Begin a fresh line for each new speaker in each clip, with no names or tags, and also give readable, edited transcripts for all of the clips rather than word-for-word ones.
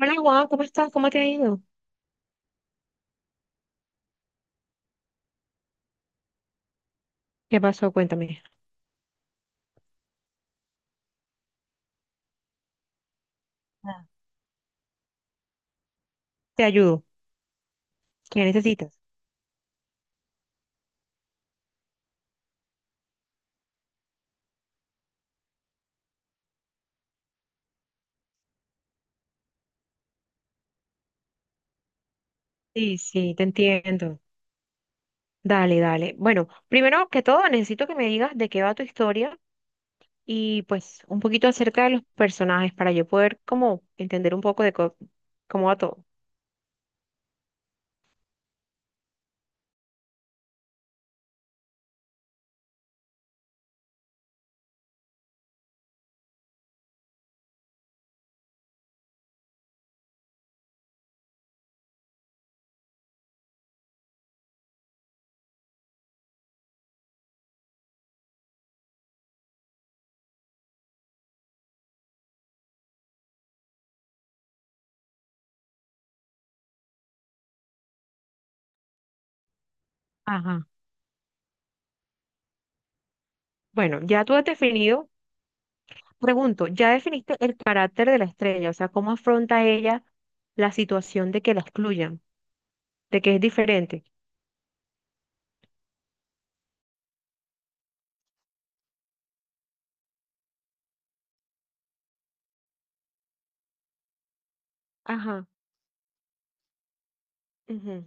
Hola Juan, ¿cómo estás? ¿Cómo te ha ido? ¿Qué pasó? Cuéntame. Ah, te ayudo. ¿Qué necesitas? Sí, sí, te entiendo. Dale, dale. Bueno, primero que todo, necesito que me digas de qué va tu historia y pues un poquito acerca de los personajes para yo poder como entender un poco de cómo va todo. Ajá. Bueno, ya tú has definido, pregunto, ya definiste el carácter de la estrella, o sea, cómo afronta ella la situación de que la excluyan, de que es diferente. Ajá, ujú,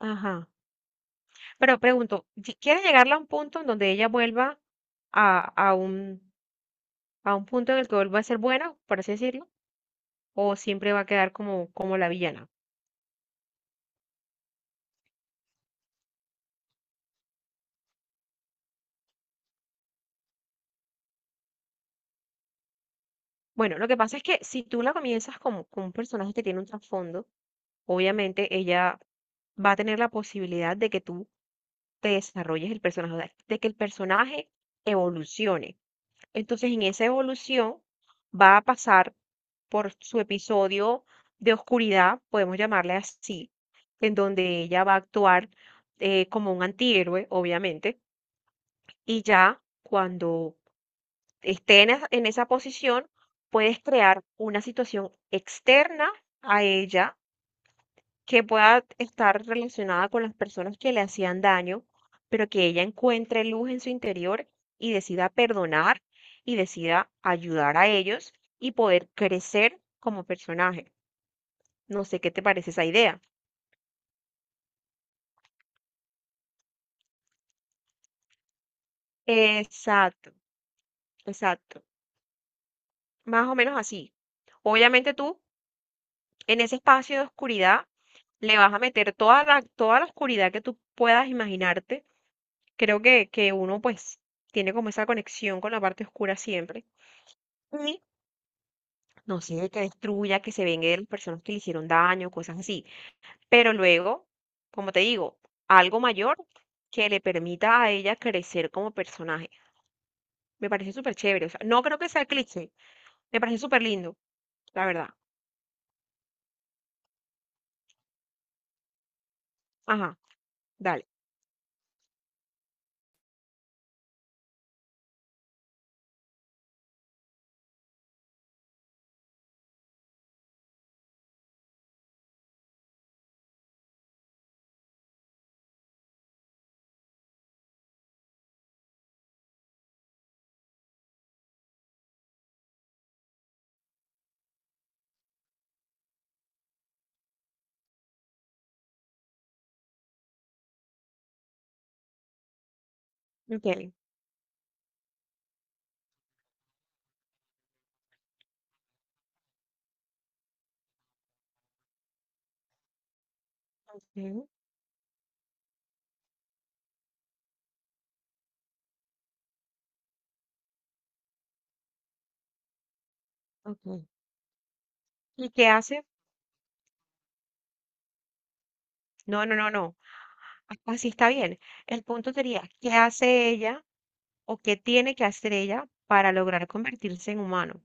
ajá. Pero pregunto, ¿si quiere llegarla a un punto en donde ella vuelva a, a un, a un punto en el que vuelva a ser buena, por así decirlo? ¿O siempre va a quedar como, como la villana? Bueno, lo que pasa es que si tú la comienzas como, con un personaje que tiene un trasfondo, obviamente ella va a tener la posibilidad de que tú te desarrolles el personaje, o sea, de que el personaje evolucione. Entonces, en esa evolución va a pasar por su episodio de oscuridad, podemos llamarle así, en donde ella va a actuar como un antihéroe, obviamente, y ya cuando en esa posición, puedes crear una situación externa a ella que pueda estar relacionada con las personas que le hacían daño, pero que ella encuentre luz en su interior y decida perdonar y decida ayudar a ellos y poder crecer como personaje. No sé qué te parece esa idea. Exacto, exacto. Más o menos así. Obviamente tú, en ese espacio de oscuridad, le vas a meter toda la oscuridad que tú puedas imaginarte. Creo que uno pues tiene como esa conexión con la parte oscura siempre. Y no sé, que destruya, que se vengue de las personas que le hicieron daño, cosas así. Pero luego, como te digo, algo mayor que le permita a ella crecer como personaje. Me parece súper chévere. O sea, no creo que sea cliché. Me parece súper lindo, la verdad. Ajá, dale. Ok, ok, ok. ¿Y qué hace? No, no, no, no. Así está bien. El punto sería, ¿qué hace ella o qué tiene que hacer ella para lograr convertirse en humano?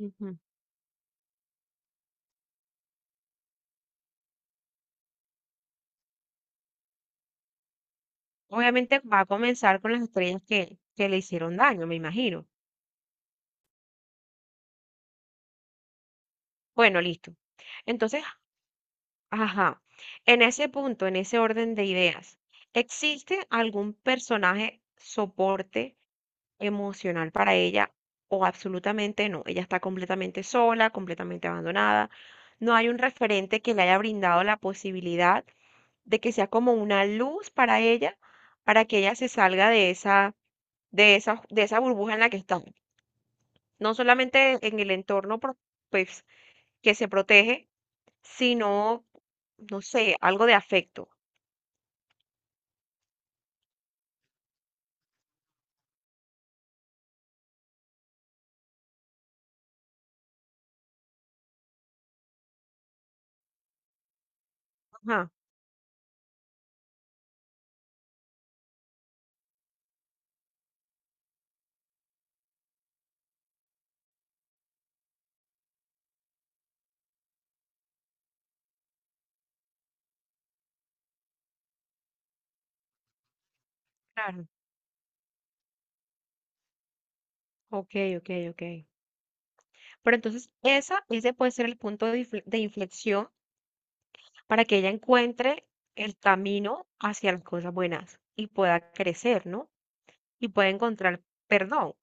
Ujú. Obviamente va a comenzar con que le hicieron daño, me imagino. Bueno, listo. Entonces, ajá, en ese punto, en ese orden de ideas, ¿existe algún personaje soporte emocional para ella o absolutamente no? Ella está completamente sola, completamente abandonada. No hay un referente que le haya brindado la posibilidad de que sea como una luz para ella, para que ella se salga de esa burbuja en la que está. No solamente en el entorno, pues, que se protege, sino, no sé, algo de afecto. Ajá, claro. Ok, ok, ok. Pero entonces ese puede ser el punto de de inflexión para que ella encuentre el camino hacia las cosas buenas y pueda crecer, ¿no? Y pueda encontrar, perdón,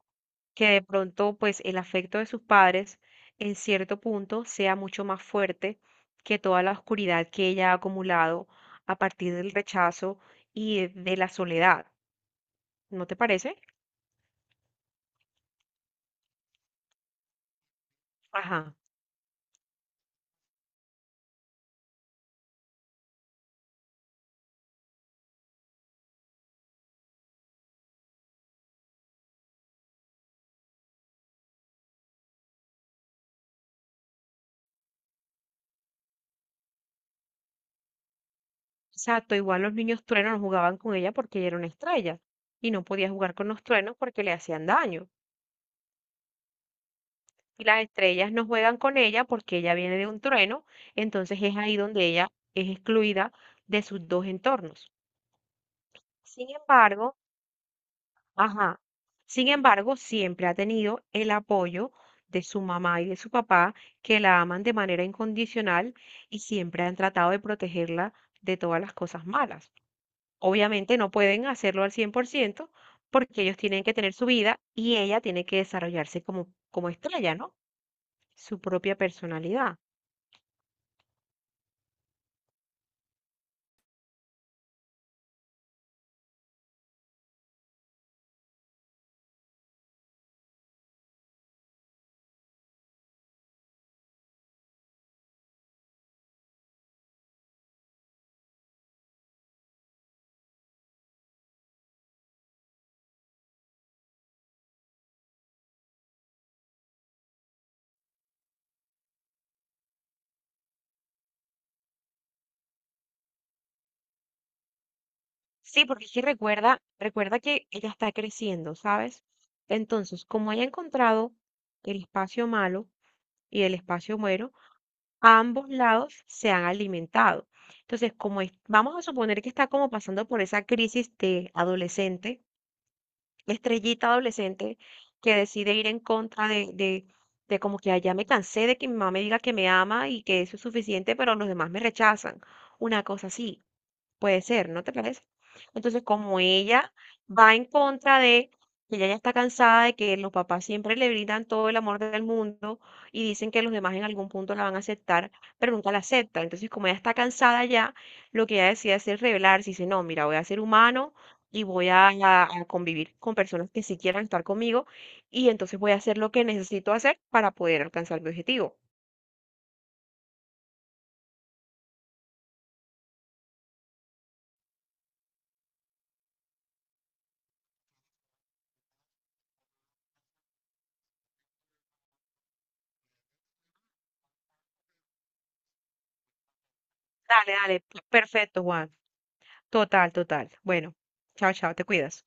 que de pronto pues el afecto de sus padres en cierto punto sea mucho más fuerte que toda la oscuridad que ella ha acumulado a partir del rechazo y de la soledad. ¿No te parece? Ajá. Exacto, igual los niños truenos no jugaban con ella porque ella era una estrella y no podía jugar con los truenos porque le hacían daño. Y las estrellas no juegan con ella porque ella viene de un trueno, entonces es ahí donde ella es excluida de sus dos entornos. Sin embargo, ajá, sin embargo, siempre ha tenido el apoyo de su mamá y de su papá, que la aman de manera incondicional y siempre han tratado de protegerla de todas las cosas malas. Obviamente no pueden hacerlo al 100% porque ellos tienen que tener su vida y ella tiene que desarrollarse como, como estrella, ¿no? Su propia personalidad. Sí, porque es que recuerda que ella está creciendo, ¿sabes? Entonces, como haya encontrado el espacio malo y el espacio bueno, a ambos lados se han alimentado. Entonces, vamos a suponer que está como pasando por esa crisis de adolescente, la estrellita adolescente, que decide ir en contra de como que "Ay, ya me cansé de que mi mamá me diga que me ama y que eso es suficiente, pero los demás me rechazan." Una cosa así. Puede ser, ¿no te parece? Entonces, como ella va en contra de que ella ya está cansada de que los papás siempre le brindan todo el amor del mundo y dicen que los demás en algún punto la van a aceptar, pero nunca la aceptan. Entonces, como ella está cansada ya, lo que ella decide hacer es rebelarse y dice, no, mira, voy a ser humano y voy a convivir con personas que sí quieran estar conmigo y entonces voy a hacer lo que necesito hacer para poder alcanzar mi objetivo. Dale, dale, perfecto, Juan. Total, total. Bueno, chao, chao, te cuidas.